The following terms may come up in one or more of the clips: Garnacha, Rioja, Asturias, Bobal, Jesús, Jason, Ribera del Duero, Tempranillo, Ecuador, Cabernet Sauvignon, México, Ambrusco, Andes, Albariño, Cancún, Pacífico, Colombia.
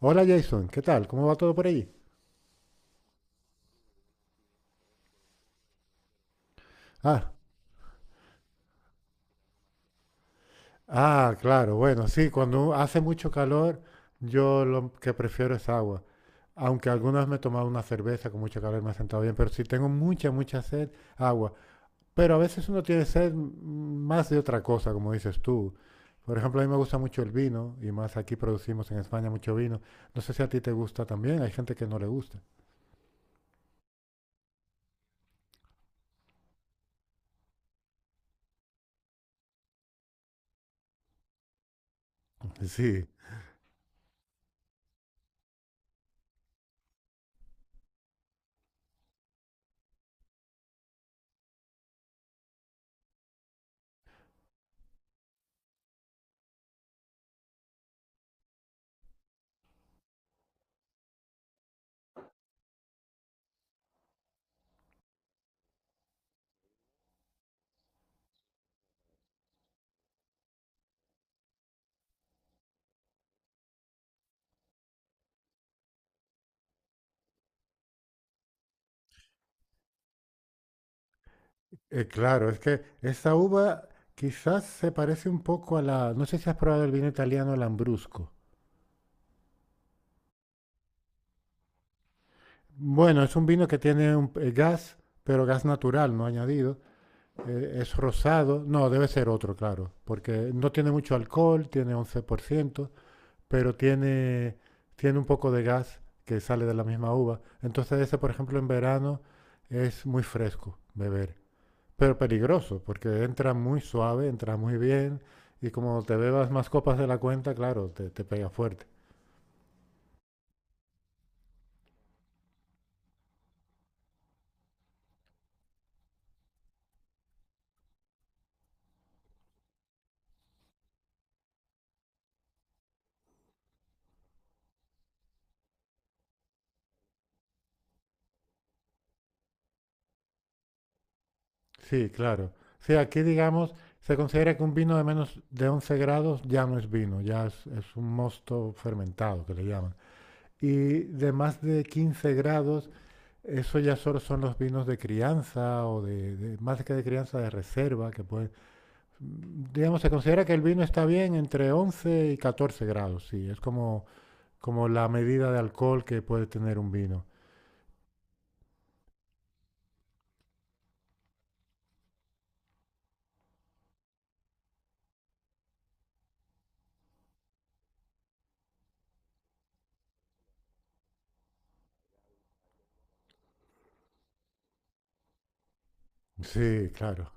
Hola Jason, ¿qué tal? ¿Cómo va todo por allí? Ah, ah, claro, bueno, sí, cuando hace mucho calor, yo lo que prefiero es agua. Aunque algunas me he tomado una cerveza con mucho calor, me ha sentado bien, pero si tengo mucha, mucha sed, agua. Pero a veces uno tiene sed, más de otra cosa, como dices tú. Por ejemplo, a mí me gusta mucho el vino, y más aquí producimos en España mucho vino. No sé si a ti te gusta también, hay gente que no le gusta. Sí. Claro, es que esa uva quizás se parece un poco a la... No sé si has probado el vino italiano, el Ambrusco. Bueno, es un vino que tiene un gas, pero gas natural, no añadido. Es rosado. No, debe ser otro, claro, porque no tiene mucho alcohol, tiene 11%, pero tiene, tiene un poco de gas que sale de la misma uva. Entonces ese, por ejemplo, en verano es muy fresco beber. Pero peligroso, porque entra muy suave, entra muy bien y como te bebas más copas de la cuenta, claro, te pega fuerte. Sí, claro. Sí, aquí digamos, se considera que un vino de menos de 11 grados ya no es vino, ya es un mosto fermentado que le llaman. Y de más de 15 grados, eso ya solo son los vinos de crianza o más que de crianza de reserva, que puede, digamos, se considera que el vino está bien entre 11 y 14 grados, sí, es como como la medida de alcohol que puede tener un vino. Sí, claro.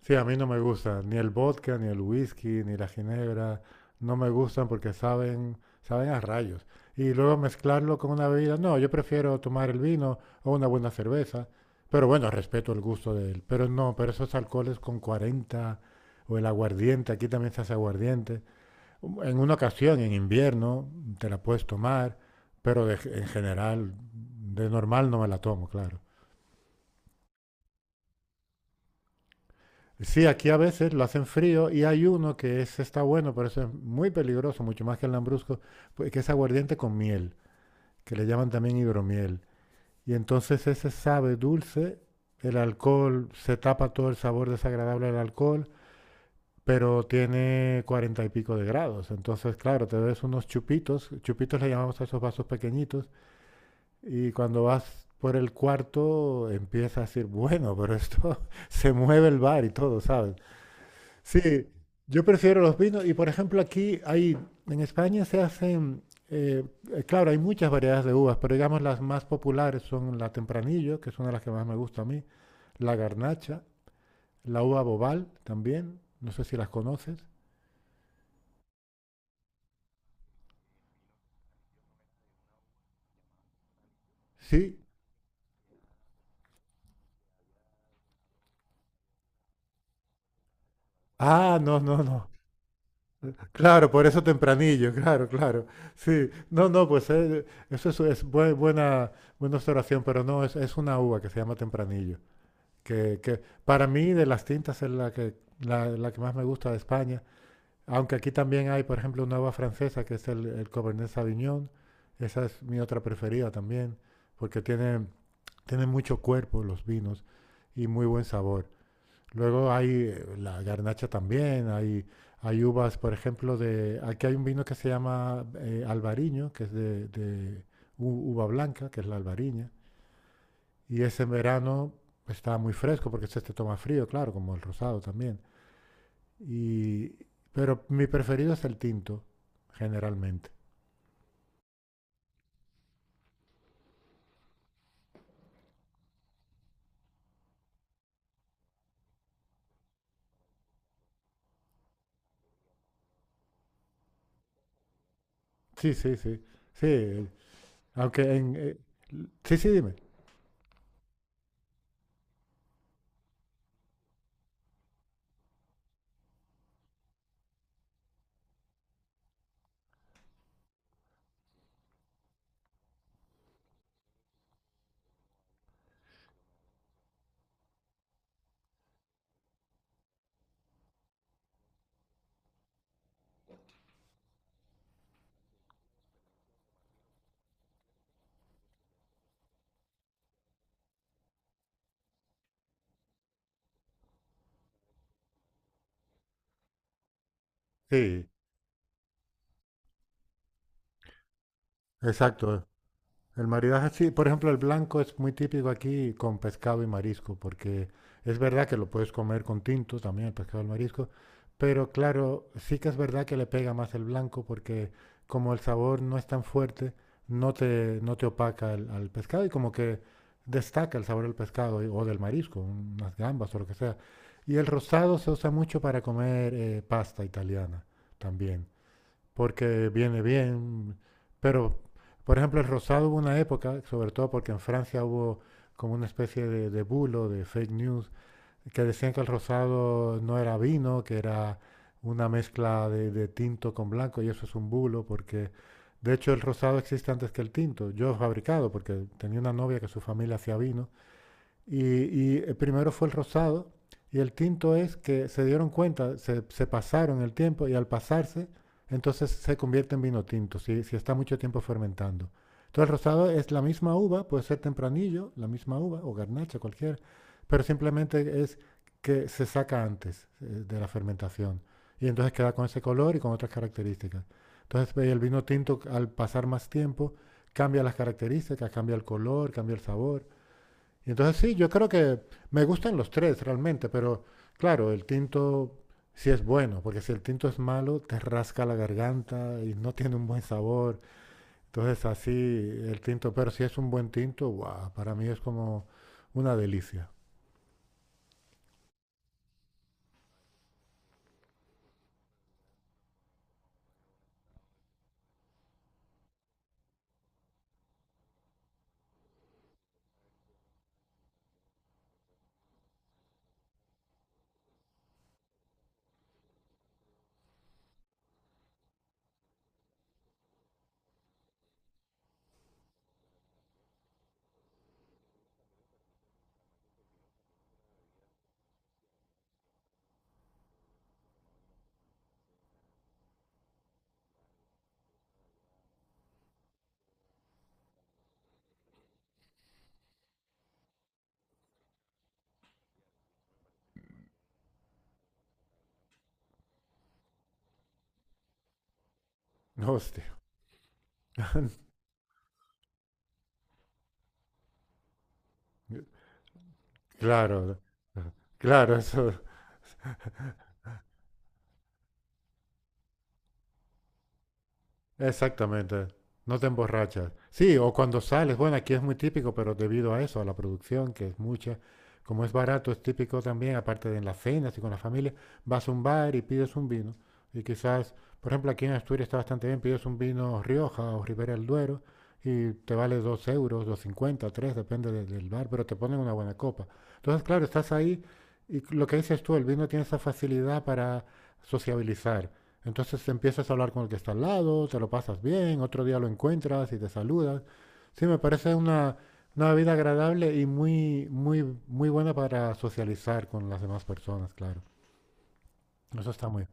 Sí, a mí no me gusta ni el vodka, ni el whisky, ni la ginebra. No me gustan porque saben a rayos. Y luego mezclarlo con una bebida. No, yo prefiero tomar el vino o una buena cerveza. Pero bueno, respeto el gusto de él. Pero no, pero esos alcoholes con 40 o el aguardiente, aquí también se hace aguardiente. En una ocasión, en invierno, te la puedes tomar, pero en general, de normal no me la tomo, claro. Sí, aquí a veces lo hacen frío y hay uno que está bueno, pero eso es muy peligroso, mucho más que el lambrusco, pues, que es aguardiente con miel, que le llaman también hidromiel. Y entonces ese sabe dulce, el alcohol, se tapa todo el sabor desagradable del alcohol, pero tiene 40 y pico de grados. Entonces, claro, te ves unos chupitos, chupitos le llamamos a esos vasos pequeñitos, y cuando vas por el cuarto empiezas a decir, bueno, pero esto se mueve el bar y todo, ¿sabes? Sí, yo prefiero los vinos y por ejemplo aquí hay, en España se hacen, eh, claro, hay muchas variedades de uvas, pero digamos las más populares son la Tempranillo, que es una de las que más me gusta a mí, la Garnacha, la uva Bobal también, no sé si las conoces. Sí. Ah, no, no, no. Claro, por eso Tempranillo, claro, claro. Sí, no, no, pues eso es buena, buena observación, pero no, es una uva que se llama Tempranillo. Que para mí de las tintas es la que, la que más me gusta de España, aunque aquí también hay, por ejemplo, una uva francesa que es el Cabernet Sauvignon, esa es mi otra preferida también, porque tiene, tiene mucho cuerpo los vinos y muy buen sabor. Luego hay la garnacha también, hay uvas, por ejemplo, de... Aquí hay un vino que se llama Albariño, que es de uva blanca, que es la albariña. Y ese verano estaba muy fresco porque este toma frío, claro, como el rosado también. Y, pero mi preferido es el tinto, generalmente. Sí, sí, sí. Sí, aunque en... sí, sí, dime. Sí, exacto. El maridaje, sí, por ejemplo, el blanco es muy típico aquí con pescado y marisco, porque es verdad que lo puedes comer con tinto también, el pescado y el marisco, pero claro, sí que es verdad que le pega más el blanco, porque como el sabor no es tan fuerte, no te opaca al pescado y como que destaca el sabor del pescado y- o del marisco, unas gambas o lo que sea. Y el rosado se usa mucho para comer pasta italiana también porque viene bien. Pero, por ejemplo, el rosado hubo una época, sobre todo porque en Francia hubo como una especie de bulo, de fake news, que decían que el rosado no era vino, que era una mezcla de tinto con blanco, y eso es un bulo, porque de hecho el rosado existe antes que el tinto. Yo he fabricado, porque tenía una novia que su familia hacía vino, y el primero fue el rosado. Y el quinto es que se dieron cuenta, se pasaron el tiempo y al pasarse, entonces se convierte en vino tinto, si, si está mucho tiempo fermentando. Entonces el rosado es la misma uva, puede ser tempranillo, la misma uva o garnacha, cualquier, pero simplemente es que se saca antes de la fermentación y entonces queda con ese color y con otras características. Entonces el vino tinto al pasar más tiempo cambia las características, cambia el color, cambia el sabor y entonces sí, yo creo que me gustan los tres realmente, pero claro, el tinto sí es bueno, porque si el tinto es malo, te rasca la garganta y no tiene un buen sabor. Entonces así el tinto, pero si es un buen tinto, guau, para mí es como una delicia. Hostia. Claro, claro, eso. Exactamente, no te emborrachas. Sí, o cuando sales, bueno, aquí es muy típico, pero debido a eso, a la producción, que es mucha, como es barato, es típico también, aparte de en las cenas y con la familia, vas a un bar y pides un vino. Y quizás, por ejemplo, aquí en Asturias está bastante bien, pides un vino Rioja o Ribera del Duero y te vale 2 euros, 2,50, tres, depende del bar, pero te ponen una buena copa. Entonces, claro, estás ahí y lo que dices tú, el vino tiene esa facilidad para sociabilizar. Entonces te empiezas a hablar con el que está al lado, te lo pasas bien, otro día lo encuentras y te saludas. Sí, me parece una bebida agradable y muy, muy, muy buena para socializar con las demás personas, claro. Eso está muy...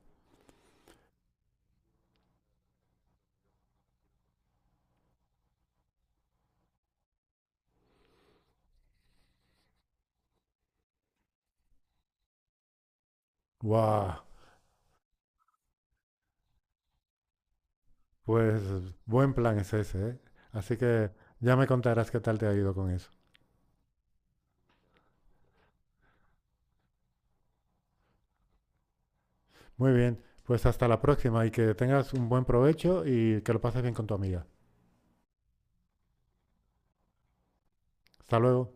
¡Guau! Pues buen plan es ese, ¿eh? Así que ya me contarás qué tal te ha ido con eso. Muy bien, pues hasta la próxima y que tengas un buen provecho y que lo pases bien con tu amiga. Hasta luego.